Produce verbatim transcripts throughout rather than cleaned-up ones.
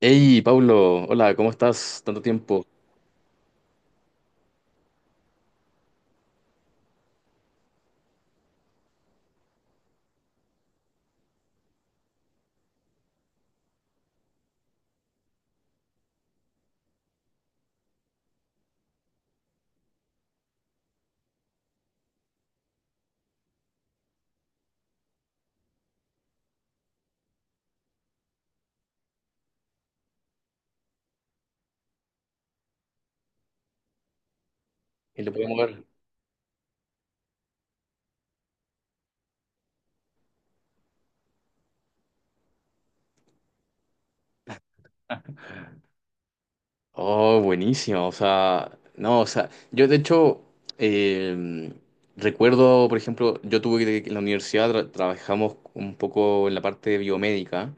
Hey, Pablo, hola, ¿cómo estás? Tanto tiempo. ¿Y lo podemos ver? Oh, buenísimo. O sea, no, o sea, yo de hecho eh, recuerdo, por ejemplo, yo tuve que en la universidad tra- trabajamos un poco en la parte biomédica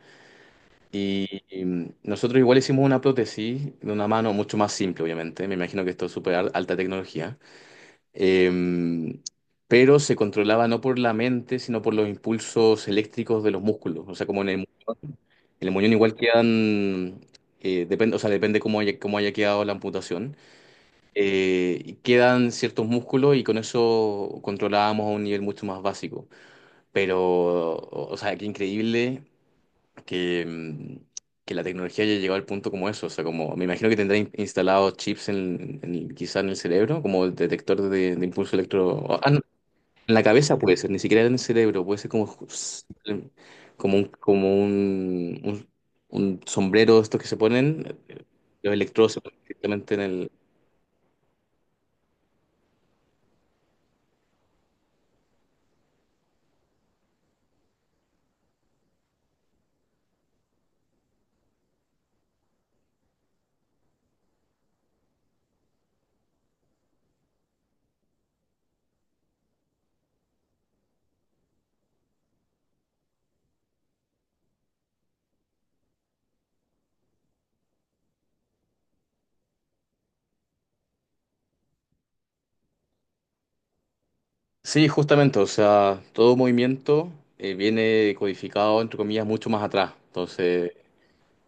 y, y nosotros igual hicimos una prótesis de una mano mucho más simple, obviamente. Me imagino que esto es súper al- alta tecnología. Em, pero se controlaba no por la mente, sino por los impulsos eléctricos de los músculos. O sea, como en el en el muñón igual quedan, eh, depende, o sea, depende cómo haya, cómo haya quedado la amputación, eh, y quedan ciertos músculos y con eso controlábamos a un nivel mucho más básico. Pero, o o sea, qué increíble que, mm, que la tecnología haya llegado al punto como eso. O sea, como me imagino que tendrá in- instalados chips en, en- quizá en el cerebro, como el detector de, de impulso electro... Ah, no, en la cabeza puede ser, ni siquiera en el cerebro, puede ser como, como un, como un, un- un sombrero, estos que se ponen, eh, los electrodos se ponen directamente en el... Sí, justamente, o sea, todo movimiento eh, viene codificado, entre comillas, mucho más atrás. Entonces,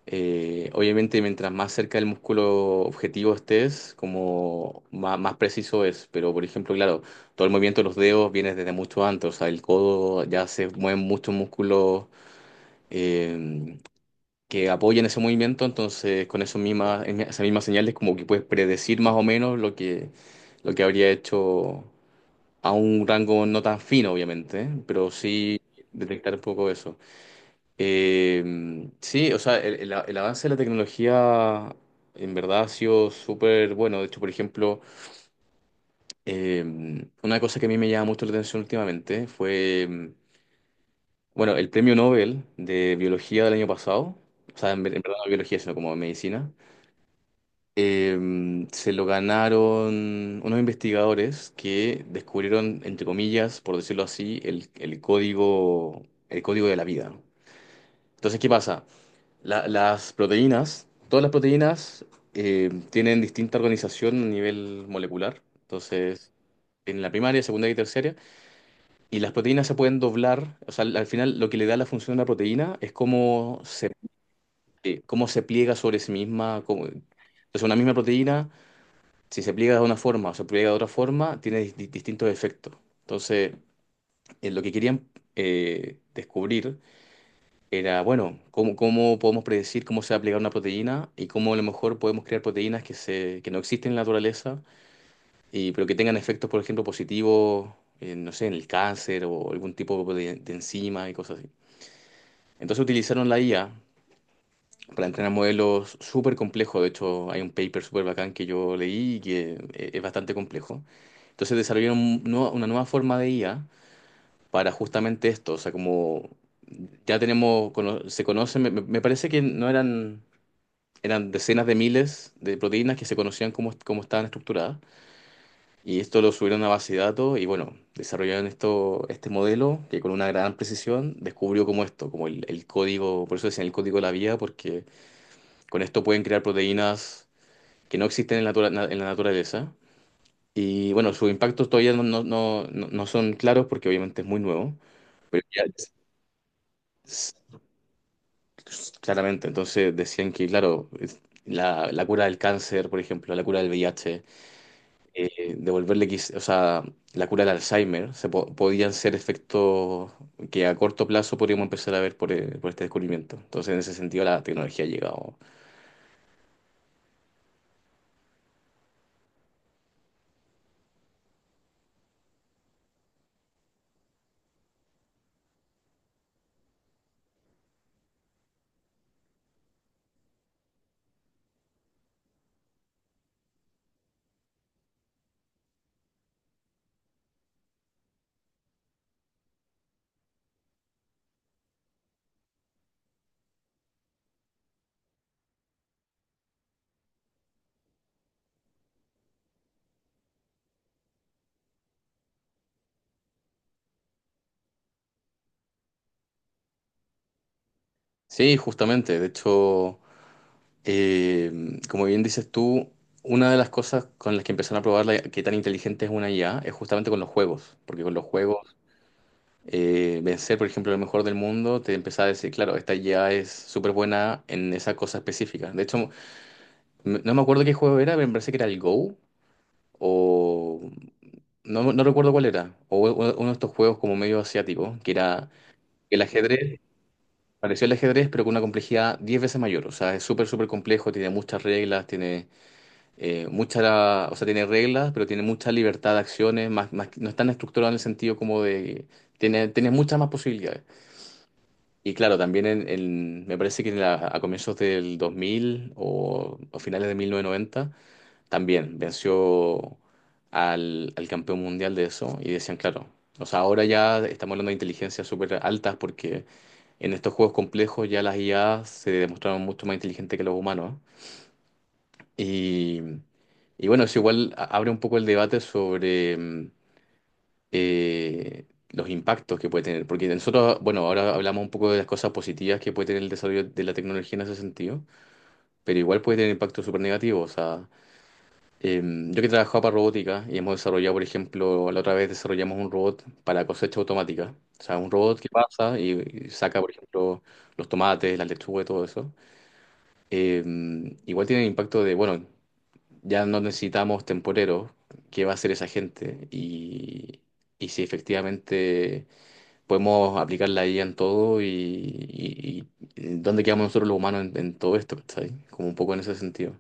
eh, obviamente, mientras más cerca del músculo objetivo estés, como má- más, preciso es. Pero, por ejemplo, claro, todo el movimiento de los dedos viene desde mucho antes, o sea, el codo ya se mueven muchos músculos eh, que apoyan ese movimiento, entonces con eso misma, esas mismas señales como que puedes predecir más o menos lo que, lo que habría hecho a un rango no tan fino, obviamente, ¿eh? Pero sí detectar un poco eso. Eh, sí, o sea, el, el- el avance de la tecnología en verdad ha sido súper bueno. De hecho, por ejemplo, eh, una cosa que a mí me llama mucho la atención últimamente fue em, bueno, el premio Nobel de biología del año pasado, o sea, en, ver- en verdad no biología, sino como medicina, eh, se lo ganaron unos investigadores que descubrieron, entre comillas, por decirlo así, el, el código, el código de la vida. Entonces, ¿qué pasa? La- las proteínas, todas las proteínas eh, tienen distinta organización a nivel molecular. Entonces, en la primaria, secundaria y terciaria. Y las proteínas se pueden doblar, o sea, al al final lo que le da la función a la proteína es cómo se eh, cómo se pliega sobre sí misma. cómo- Entonces, una misma proteína, si se pliega de una forma o se pliega de otra forma, tiene di- distintos efectos. Entonces, eh, lo que querían eh, descubrir era, bueno, cómo, cómo podemos predecir cómo se va a plegar una proteína y cómo a lo mejor podemos crear proteínas que, se, que no existen en la naturaleza, y, pero que tengan efectos, por ejemplo, positivos, eh, no sé, en el cáncer o algún tipo de, de enzima y cosas así. Entonces utilizaron la I A para entrenar modelos súper complejo. De hecho, hay un paper súper bacán que yo leí y que eh, es bastante complejo. Entonces desarrollaron un nuevo- una nueva forma de I A para justamente esto. O sea, como ya tenemos, cono- se conocen, me, me- me parece que no eran, eran decenas de miles de proteínas que se conocían cómo, cómo estaban estructuradas. Y esto lo subieron a base de datos y bueno, desarrollaron esto, este modelo que con una gran precisión descubrió como esto, como el, el código, por eso decían el código de la vida, porque con esto pueden crear proteínas que no existen en la, natura- en la naturaleza. Y bueno, sus impactos todavía no, no, no, no- no son claros porque obviamente es muy nuevo, pero ya es- es- claramente, entonces decían que, claro, es- la, la cura del cáncer, por ejemplo, la cura del V I H, eh, devolverle, quiz- o sea, la cura del Alzheimer, se po- podían ser efectos que a corto plazo podríamos empezar a ver por, eh, por este descubrimiento. Entonces, en ese sentido, la tecnología ha llegado. Sí, justamente, de hecho... Eh, Como bien dices tú, una de las cosas con las que empezaron a probar la- qué tan inteligente es una I A es justamente con los juegos, porque con los juegos, eh, vencer, por ejemplo, el mejor del mundo, te empezaba a decir, claro, esta I A es súper buena en esa cosa específica. De hecho, m- no me acuerdo qué juego era, pero me parece que era el Go, o no, no recuerdo cuál era, o u- uno de estos juegos como medio asiático, que era el ajedrez, pareció el ajedrez, pero con una complejidad diez veces mayor, o sea, es súper, súper complejo, tiene muchas reglas, tiene... eh, mucha, o sea, tiene reglas, pero tiene mucha libertad de acciones, más, más, no es tan estructurado en el sentido como de, tiene, tiene muchas más posibilidades. Y claro, también en, en- me parece que en la- a comienzos del dos mil o, o finales de mil novecientos noventa, también venció al, al campeón mundial de eso y decían, claro, o sea, ahora ya estamos hablando de inteligencias súper altas porque en estos juegos complejos ya las I A se demostraron mucho más inteligentes que los humanos. Y, y bueno, eso igual a- abre un poco el debate sobre mm, eh, los impactos que puede tener, porque nosotros, bueno, ahora hablamos un poco de las cosas positivas que puede tener el desarrollo de la tecnología en ese sentido, pero igual puede tener impactos súper negativos. O sea, em, yo que he trabajado para robótica y hemos desarrollado, por ejemplo, la otra vez desarrollamos un robot para cosecha automática. O sea, un robot que pasa y, y saca, por ejemplo, los tomates, las lechugas y todo eso. Em, igual tiene impacto de, bueno, ya no necesitamos temporeros. ¿Qué va a hacer esa gente? Y, y si efectivamente podemos aplicar la I A en todo y, y- y dónde quedamos nosotros los humanos en, en todo esto, ¿cachai? Como un poco en ese sentido.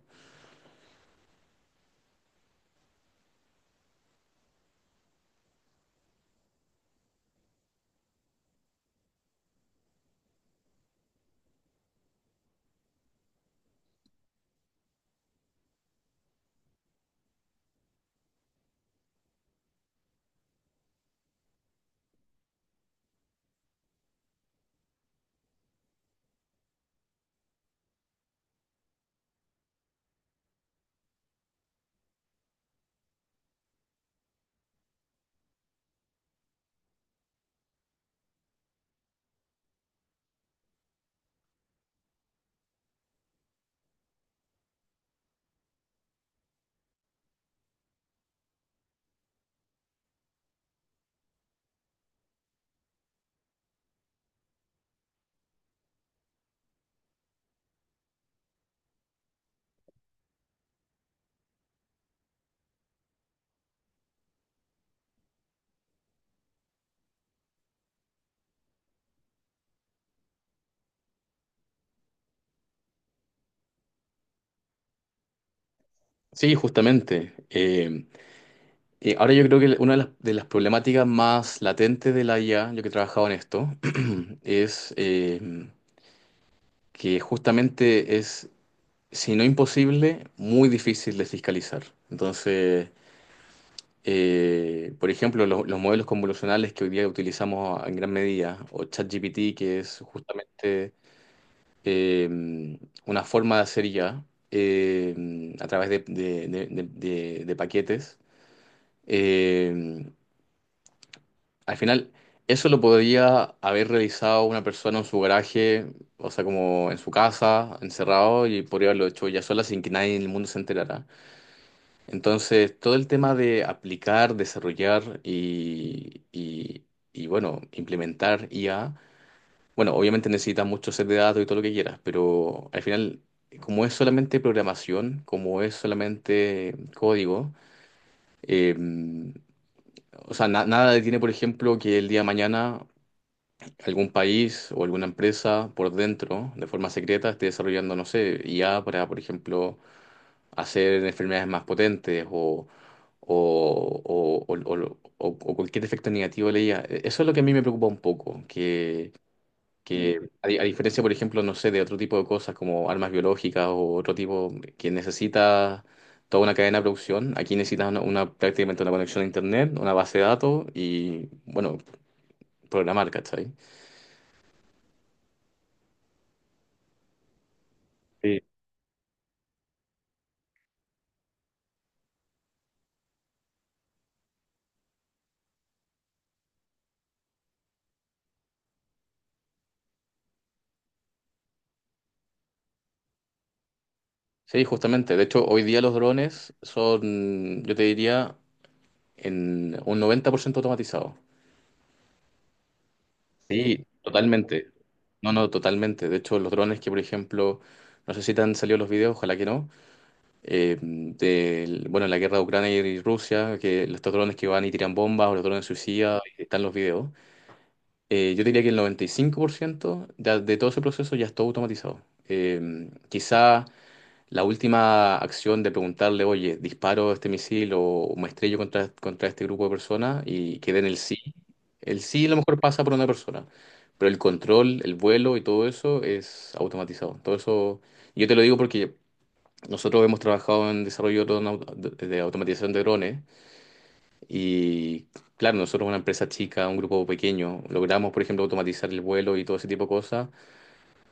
Sí, justamente. Eh, eh, ahora yo creo que una de las, de las problemáticas más latentes de la I A, yo que he trabajado en esto, es eh, que justamente es, si no imposible, muy difícil de fiscalizar. Entonces... Eh, por ejemplo, lo- los modelos convolucionales que hoy día utilizamos en gran medida, o ChatGPT, que es justamente eh, una forma de hacer ya eh, a través de, de- de- de- de- de paquetes. Eh, Al final, eso lo podría haber realizado una persona en su garaje, o sea, como en su casa, encerrado, y podría haberlo hecho ya sola sin que nadie en el mundo se enterara. Entonces, todo el tema de aplicar, desarrollar y, y- y, bueno, implementar I A, bueno, obviamente necesitas mucho set de datos y todo lo que quieras, pero al final, como es solamente programación, como es solamente código, eh, o sea, na- nada detiene, por ejemplo, que el día de mañana algún país o alguna empresa por dentro, de forma secreta, esté desarrollando, no sé, I A para, por ejemplo, hacer enfermedades más potentes o o, o- o- o- o- o cualquier efecto negativo de la. Eso es lo que a mí me preocupa un poco, que, mm, que a, di- a diferencia, por ejemplo, no sé, de otro tipo de cosas como armas biológicas o otro tipo que necesita toda una cadena de producción, aquí necesitas una, una- prácticamente una conexión a internet, una base de datos y, bueno, programar, ¿cachai? Sí, justamente. De hecho, hoy día los drones son, yo te diría, en un noventa por ciento automatizados. Sí, totalmente. No, no, totalmente. De hecho, los drones que, por ejemplo, no sé si te han salido los videos, ojalá que no, eh, del- bueno, la guerra de Ucrania y Rusia, que estos drones que van y tiran bombas o los drones suicidas, están los videos. Eh, yo diría que el noventa y cinco por ciento de, de todo ese proceso ya está automatizado. Eh, quizá la última acción de preguntarle, oye, disparo este misil o me estrello contra, contra este grupo de personas y quede en el sí. El sí a lo mejor pasa por una persona, pero el control, el vuelo y todo eso es automatizado. Todo eso, yo te lo digo porque nosotros hemos trabajado en desarrollo de dron auto- de- de automatización de drones y claro, nosotros una empresa chica, un grupo pequeño, logramos, por ejemplo, automatizar el vuelo y todo ese tipo de cosas.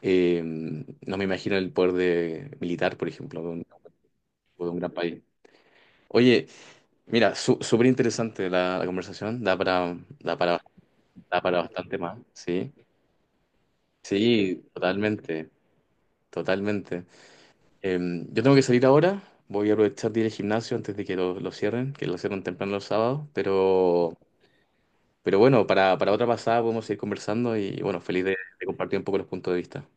Eh, no me imagino el poder de militar, por ejemplo, de un de un gran país. Oye, mira, su- súper interesante la, la conversación, da para, da para, da para bastante más, ¿sí? Sí, totalmente, totalmente. Eh, yo tengo que salir ahora, voy a aprovechar de ir al gimnasio antes de que lo, lo cierren, que lo cierran temprano los sábados, pero, pero bueno, para, para otra pasada podemos seguir conversando y bueno, feliz de, de compartir un poco los puntos de vista.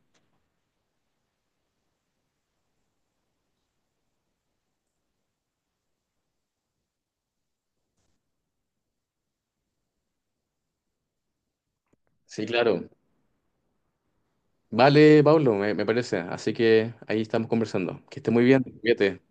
Sí, claro. Vale, Pablo, me, me parece. Así que ahí estamos conversando. Que esté muy bien, cuídate.